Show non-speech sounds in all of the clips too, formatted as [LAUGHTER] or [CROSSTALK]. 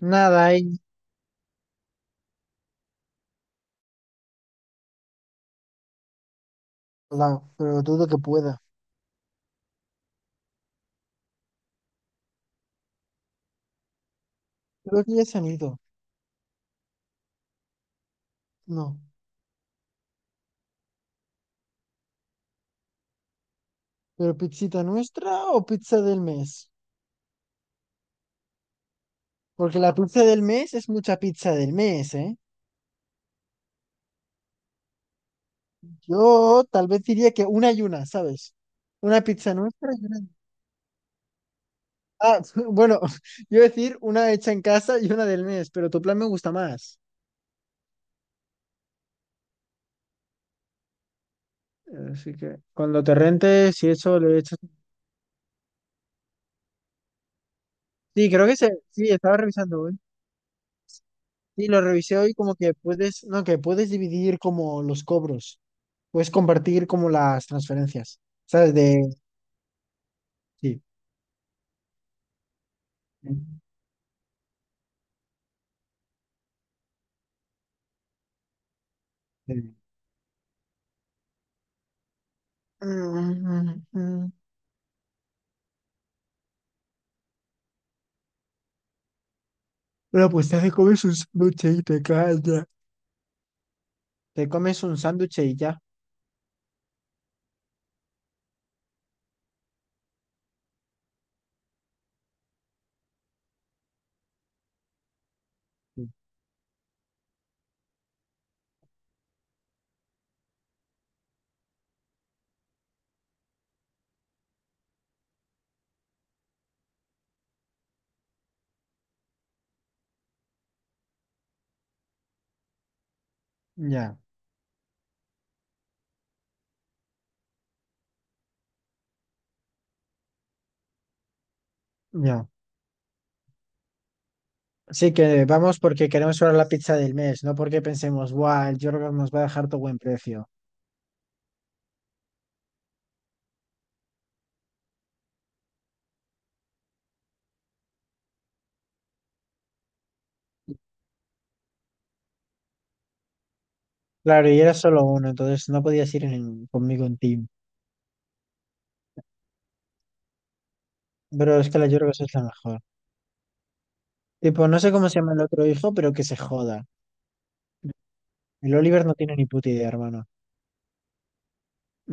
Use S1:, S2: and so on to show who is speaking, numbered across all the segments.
S1: Nada hay ni pero dudo que pueda. Creo que ya se han ido. No. ¿Pero pizzita nuestra o pizza del mes? Porque la pizza del mes es mucha pizza del mes, ¿eh? Yo tal vez diría que una y una, ¿sabes? Una pizza nuestra y una... Ah, [LAUGHS] bueno, [LAUGHS] yo decir una hecha en casa y una del mes, pero tu plan me gusta más. Así que cuando te rentes y eso le echas... Sí, creo que se... Sí, estaba revisando hoy. Sí, lo revisé hoy como que puedes... No, que puedes dividir como los cobros. Puedes compartir como las transferencias, ¿sabes? De... Sí. de- Mm, mm. Bueno, pues te comes un sándwich y te callas. Te comes un sándwich y ya. Sí. Ya, ya. Sí que vamos porque queremos probar la pizza del mes, no porque pensemos, guau, el Jorgos nos va a dejar todo buen precio. Claro, y era solo uno, entonces no podías ir conmigo en team. Pero es que la Yorgos es la mejor. Tipo, no sé cómo se llama el otro hijo, pero que se joda. El Oliver no tiene ni puta idea, hermano.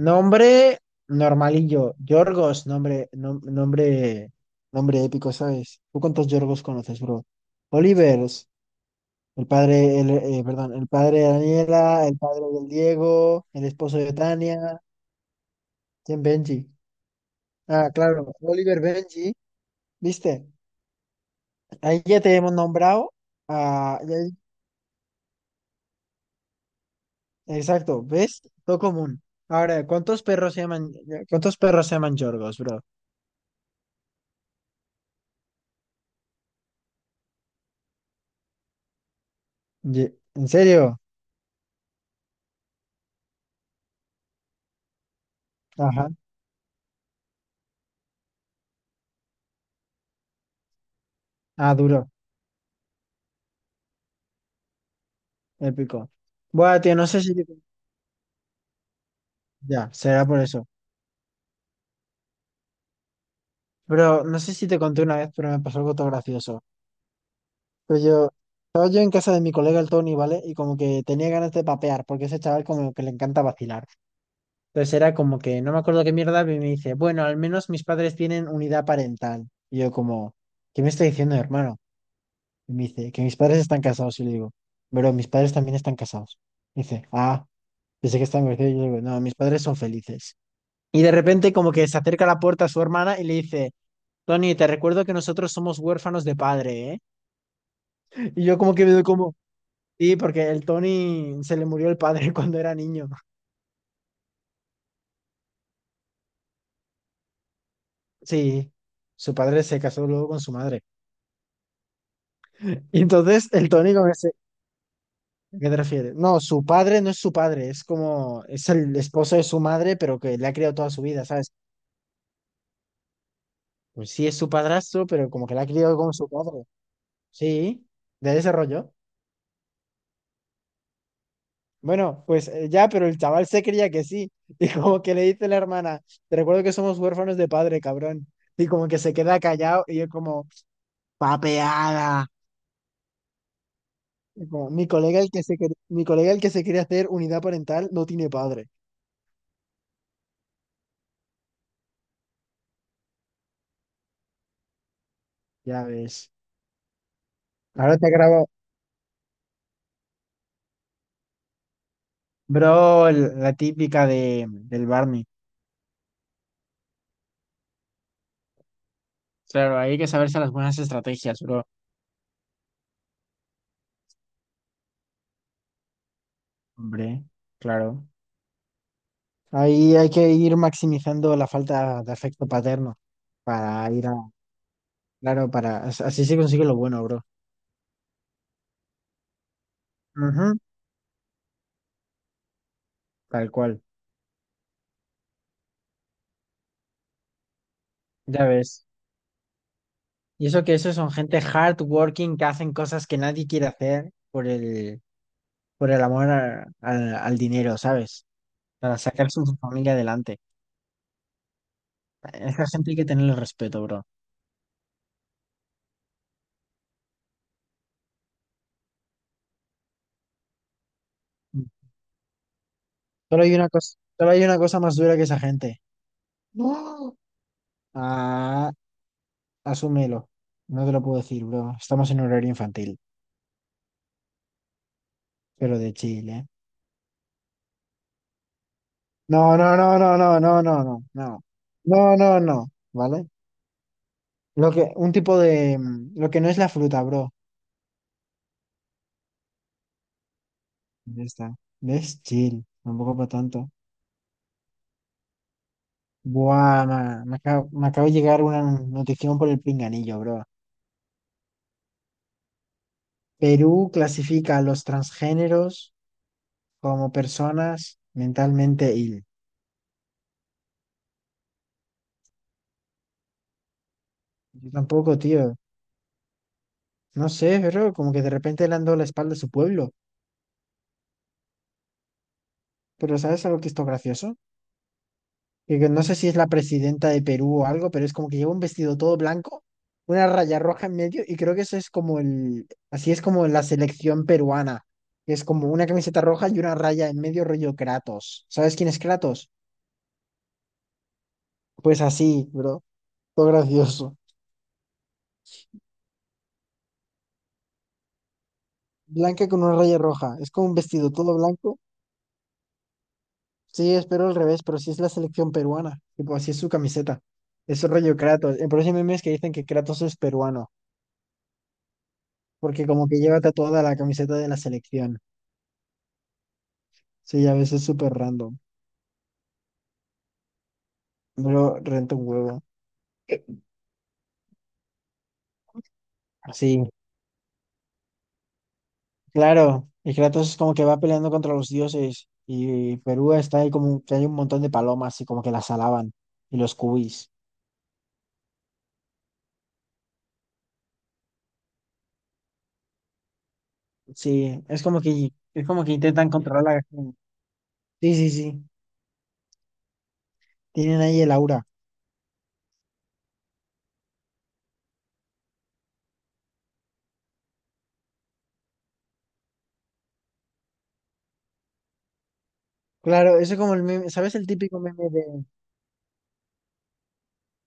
S1: Nombre normalillo. Yorgos, nombre, nombre, nombre épico, ¿sabes? ¿Tú cuántos Yorgos conoces, bro? Olivers, el padre, perdón, el padre de Daniela, el padre del Diego, el esposo de Tania, ¿quién Benji? Ah, claro, Oliver Benji, ¿viste? Ahí ya te hemos nombrado. Ah, ya- exacto, ¿ves? Todo común. Ahora, ¿cuántos perros se llaman Yorgos, bro? ¿En serio? Ajá. Ah, duro. Épico. Bueno, tío, no sé si te... Ya, será por eso. Pero no sé si te conté una vez, pero me pasó algo todo gracioso. Pero yo, estaba yo en casa de mi colega el Tony, ¿vale? Y como que tenía ganas de papear, porque ese chaval como que le encanta vacilar. Entonces era como que, no me acuerdo qué mierda, y me dice, bueno, al menos mis padres tienen unidad parental. Y yo como, ¿qué me está diciendo, hermano? Y me dice, que mis padres están casados. Y le digo, pero mis padres también están casados. Y dice, ah, pensé que están divorciados. Y yo le digo, no, mis padres son felices. Y de repente como que se acerca a la puerta a su hermana y le dice, Tony, te recuerdo que nosotros somos huérfanos de padre, ¿eh? Y yo como que veo como, sí, porque el Tony se le murió el padre [LAUGHS] cuando era niño. Sí, su padre se casó luego con su madre. Y entonces el Tony como ese, ¿a qué te refieres? No, su padre no es su padre, es como, es el esposo de su madre, pero que le ha criado toda su vida, ¿sabes? Pues sí es su padrastro, pero como que le ha criado como su padre. Sí, de ese rollo. Bueno, pues ya, pero el chaval se creía que sí. [LAUGHS] Y como que le dice la hermana, te recuerdo que somos huérfanos de padre, cabrón. Y como que se queda callado y yo como, papeada. Y como, mi colega el que se, mi colega el que se quiere hacer unidad parental no tiene padre. Ya ves. Ahora te grabo. Bro, la típica de, del Barney. Claro, hay que saberse las buenas estrategias, bro. Hombre, claro. Ahí hay que ir maximizando la falta de afecto paterno para ir a claro, para, así se consigue lo bueno, bro. Ujú, tal cual, ya ves. Y eso que esos son gente hardworking que hacen cosas que nadie quiere hacer por el amor al dinero, ¿sabes? Para sacar su familia adelante. A esa gente hay que tenerle respeto, bro. Solo hay una cosa más dura que esa gente. No. Ah, asúmelo. No te lo puedo decir, bro. Estamos en horario infantil, pero de Chile. No, no, no, no, no, no, no, no, no, no, no, no, ¿vale? Lo que, un tipo de, lo que no es la fruta, bro. Ya está. Es chill, tampoco para tanto. Buah, me acaba de llegar una notificación por el pinganillo, bro. Perú clasifica a los transgéneros como personas mentalmente ill. Yo tampoco, tío. No sé, pero como que de repente le han dado la espalda a su pueblo. Pero ¿sabes algo que es gracioso? Que no sé si es la presidenta de Perú o algo, pero es como que lleva un vestido todo blanco, una raya roja en medio, y creo que eso es como el, así es como la selección peruana, que es como una camiseta roja y una raya en medio rollo Kratos. ¿Sabes quién es Kratos? Pues así, bro, todo gracioso. Blanca con una raya roja, es como un vestido todo blanco. Sí, espero al revés, pero sí es la selección peruana, tipo así es su camiseta. Es rollo Kratos. El próximo mes que dicen que Kratos es peruano, porque como que lleva tatuada la camiseta de la selección. Sí, a veces súper random. Pero renta un huevo. Sí, claro. Y Kratos como que va peleando contra los dioses. Y Perú está ahí como que hay un montón de palomas y como que las alaban. Y los cubis. Sí, es como que intentan controlar la... Sí, sí, sí. Tienen ahí el aura. Claro, eso es como el meme. ¿Sabes el típico meme de...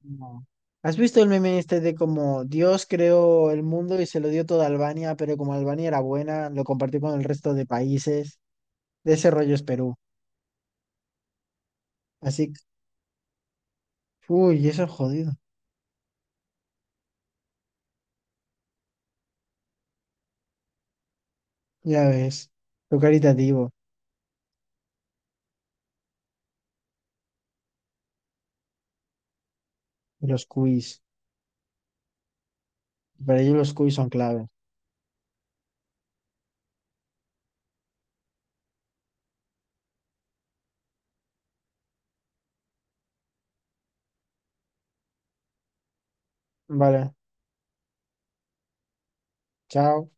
S1: No. ¿Has visto el meme este de como Dios creó el mundo y se lo dio toda Albania, pero como Albania era buena, lo compartió con el resto de países? De ese rollo es Perú. Así que, uy, eso es jodido. Ya ves. Lo caritativo. Y los quiz. Para ellos los quiz son clave. Vale. Chao.